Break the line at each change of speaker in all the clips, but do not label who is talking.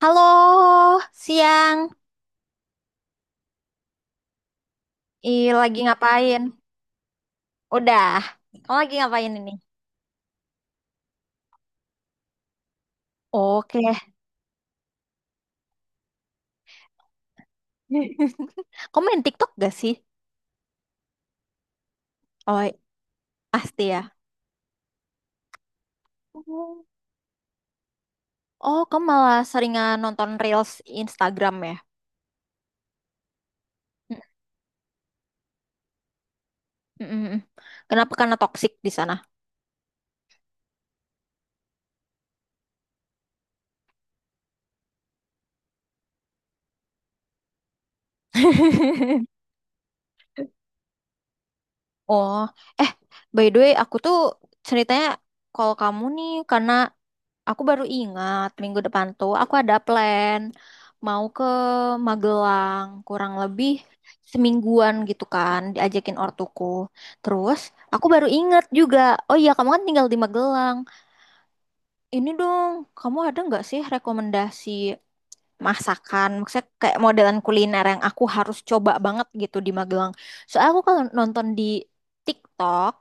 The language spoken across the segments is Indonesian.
Halo, siang. Ih, lagi ngapain? Udah. Kamu lagi ngapain ini? Oke. Kamu main TikTok gak sih? Oh, pasti ya. Oh, oh, kamu malah seringan nonton Reels Instagram ya? Mm, mm, mm, mm. Kenapa? Karena toksik di sana. Oh, eh, by the way, aku tuh ceritanya kalau kamu nih karena aku baru ingat minggu depan tuh aku ada plan mau ke Magelang kurang lebih semingguan gitu kan diajakin ortuku. Terus aku baru ingat juga, oh iya kamu kan tinggal di Magelang. Ini dong, kamu ada nggak sih rekomendasi masakan? Maksudnya kayak modelan kuliner yang aku harus coba banget gitu di Magelang. Soalnya aku kalau nonton di TikTok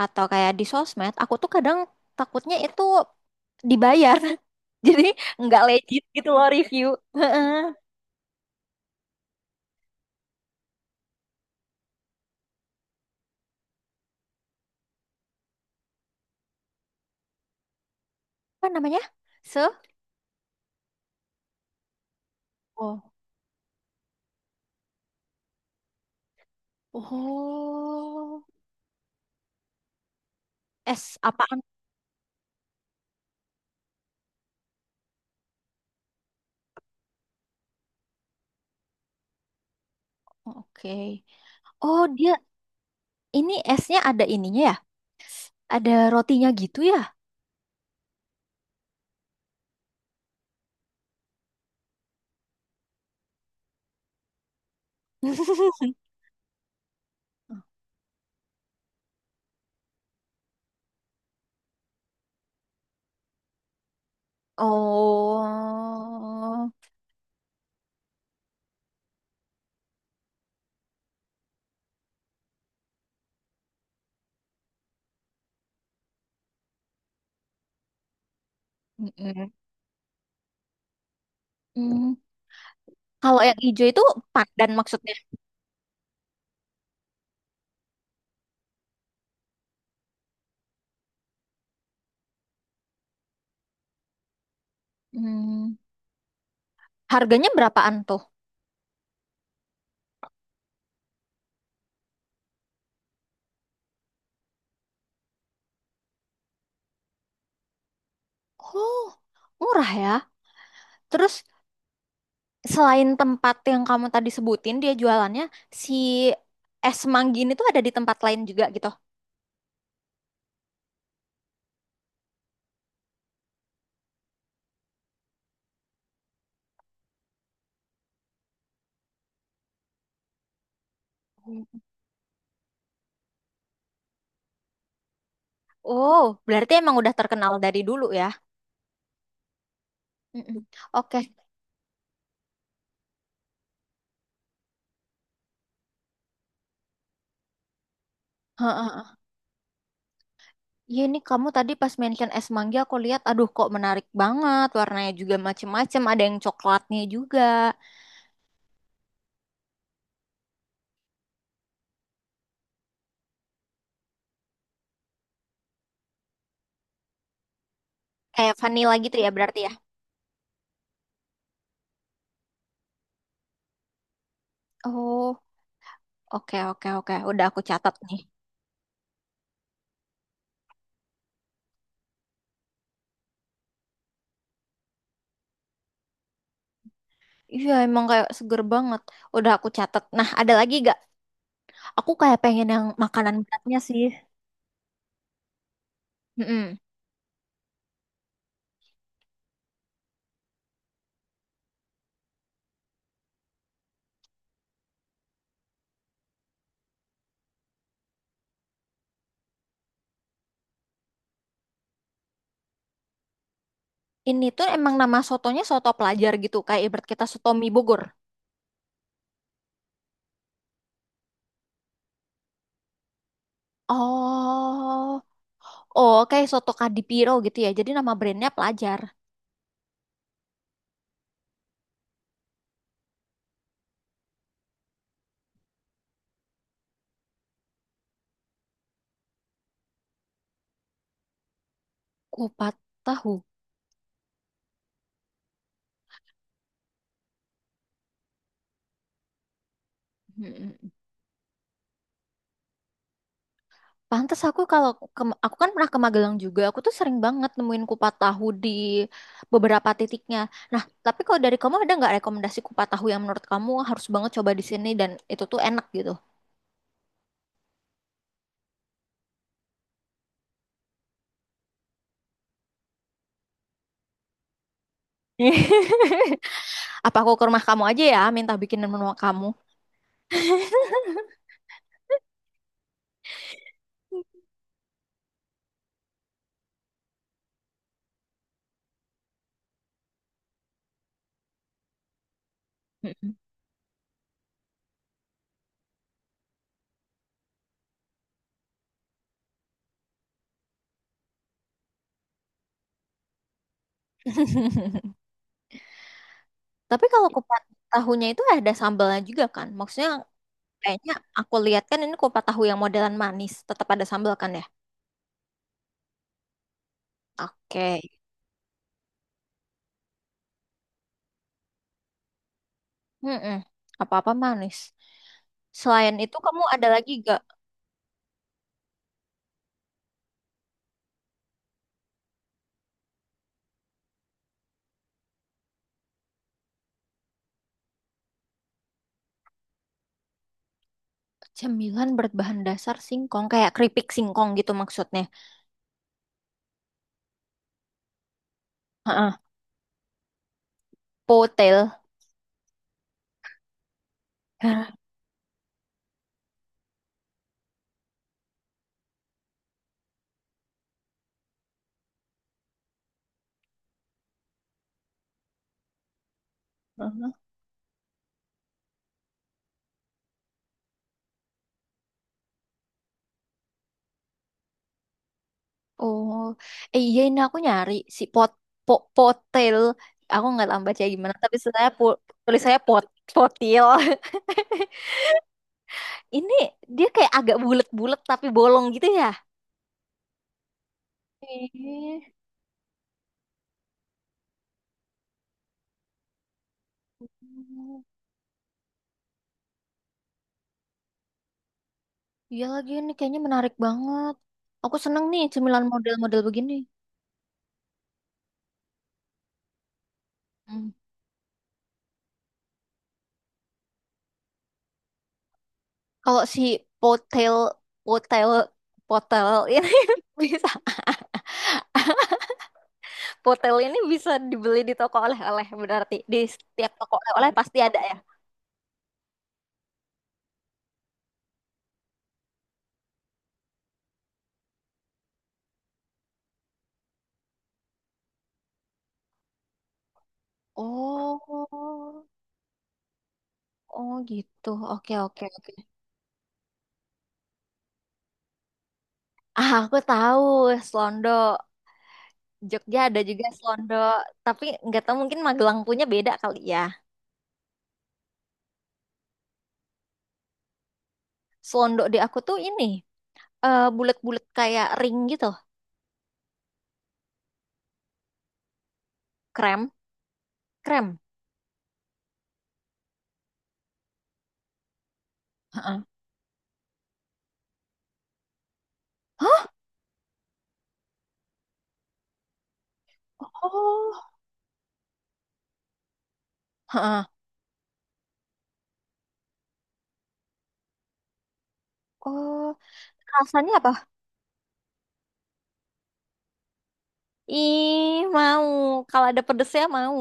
atau kayak di sosmed, aku tuh kadang takutnya itu dibayar. Jadi nggak legit gitu loh review. Heeh. Apa namanya? Se? Oh. Oh. Es apaan? Oke. Oh, dia ini esnya ada ininya ya? Ada rotinya gitu ya? Oh. Mm-mm. Mm. Kalau yang hijau itu pandan maksudnya. Hmm. Harganya berapaan tuh? Oh, murah ya. Terus selain tempat yang kamu tadi sebutin, dia jualannya si es manggi ini tuh ada di tempat lain juga gitu. Oh, berarti emang udah terkenal dari dulu ya. Mm-mm. Oke. Heeh. Iya ini kamu tadi pas mention es mangga aku lihat, aduh kok menarik banget. Warnanya juga macem-macem, ada yang coklatnya juga. Kayak vanilla gitu ya berarti ya. Oh, oke, oke, oke. Udah aku catat nih. Iya emang kayak seger banget. Udah aku catat. Nah, ada lagi gak? Aku kayak pengen yang makanan beratnya sih. Mm-mm. Ini tuh emang nama sotonya soto pelajar gitu, kayak ibarat kita soto mie Bogor. Oh, oh kayak soto Kadipiro gitu ya. Jadi nama brandnya pelajar. Kupat tahu. Mm-mm. Pantes aku kalau aku kan pernah ke Magelang juga, aku tuh sering banget nemuin kupat tahu di beberapa titiknya. Nah, tapi kalau dari kamu ada nggak rekomendasi kupat tahu yang menurut kamu harus banget coba di sini dan itu tuh enak gitu? Apa aku ke rumah kamu aja ya, minta bikinin menu kamu? Tapi kalau kupat tahunya itu ada sambalnya juga kan? Maksudnya kayaknya aku lihat kan ini kupat tahu yang modelan manis, tetap ada sambal kan ya? Oke. Mm-mm. Apa-apa manis. Selain itu kamu ada lagi gak cemilan berbahan dasar singkong kayak keripik singkong gitu maksudnya? Heeh. Potel. Hah. Heeh. Oh, iya ini aku nyari si potel. Aku nggak tahu bacanya gimana, tapi sebenarnya po, tulis saya potil. Ini dia kayak agak bulat-bulat tapi bolong gitu ya. Ih, iya lagi ini kayaknya menarik banget. Aku seneng nih cemilan model-model begini. Hmm. Kalau si potel, potel, potel ini bisa, potel ini bisa dibeli di toko oleh-oleh berarti di setiap toko oleh-oleh pasti ada ya. Oh, oh gitu. Oke, oke, oke. Ah, aku tahu, Slondo. Jogja ada juga Slondo, tapi nggak tahu mungkin Magelang punya beda kali ya. Slondo di aku tuh ini bulat-bulat kayak ring gitu, krem, krem. Heeh. Hah? Oh, heeh. Oh, rasanya apa? Ih, mau. Kalau ada pedesnya mau.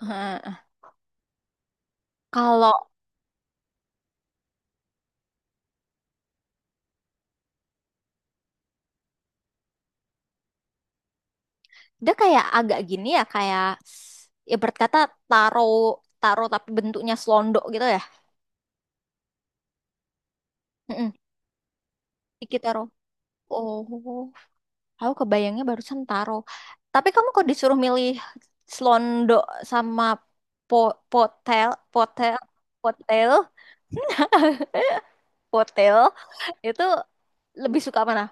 Heeh. Kalau dia kayak agak gini ya, kayak ya berkata taro, taro tapi bentuknya slondo gitu ya. Mm. Dikit taro. Oh. Aku kebayangnya barusan taro. Tapi kamu kok disuruh milih Slondo sama po potel, potel, potel, potel, itu lebih suka mana?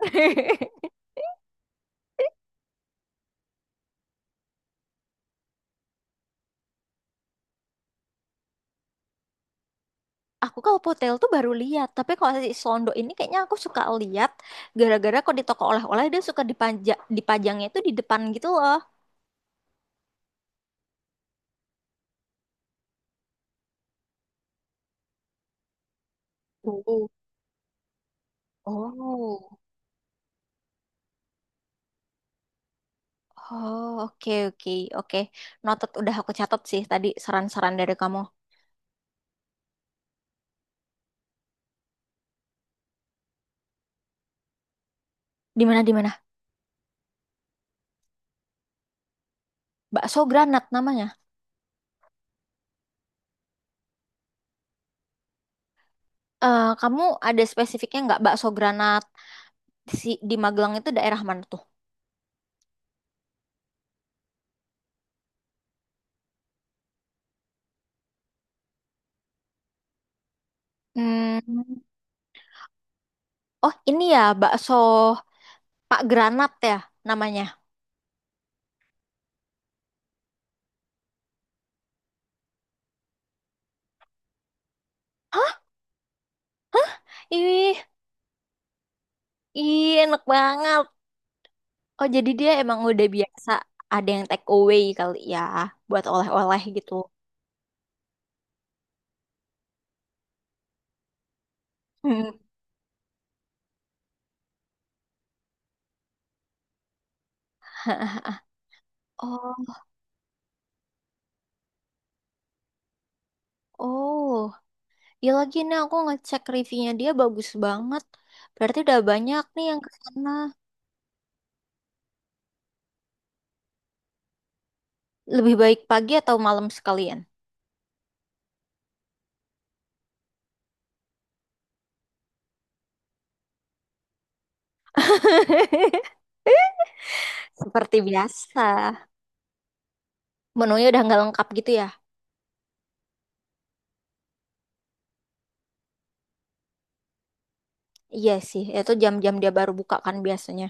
Aku kalau potel tuh baru lihat, tapi kalau si Slondo ini kayaknya aku suka lihat gara-gara kok di toko oleh-oleh dia suka dipajangnya itu di depan gitu loh. Oh. Oh, oh, oke, oke, oke. Noted udah aku catat sih tadi saran-saran dari kamu. Di mana di mana? Bakso Granat namanya. Eh, kamu ada spesifiknya nggak bakso granat si di Magelang itu daerah mana tuh? Hmm. Oh ini ya bakso Pak Granat ya namanya. Hah? Ih, ih enak banget. Oh jadi dia emang udah biasa ada yang take away kali ya buat oleh-oleh gitu. Hmm. Oh, oh, ya lagi nih aku ngecek reviewnya dia bagus banget. Berarti udah banyak nih yang kesana. Lebih baik pagi atau malam sekalian? Seperti biasa. Menunya udah nggak lengkap gitu ya? Iya sih, itu jam-jam dia baru buka kan biasanya.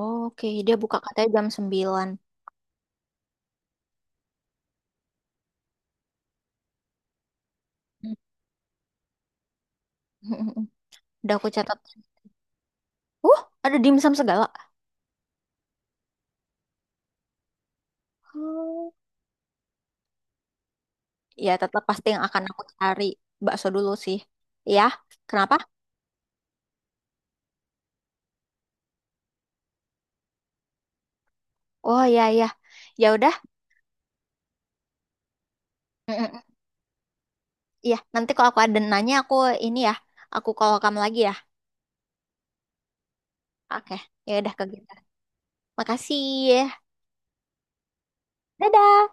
Oke, dia buka katanya jam 9. Udah aku catat. Uh, ada dimsum segala. Hmm. Ya, tetap pasti yang akan aku cari bakso dulu sih. Ya, kenapa? Oh ya ya. Ya udah. Mm-mm. Iya, nanti kalau aku ada nanya aku ini ya, aku call kamu lagi ya. Oke, ya udah ke kita. Makasih ya. Dadah.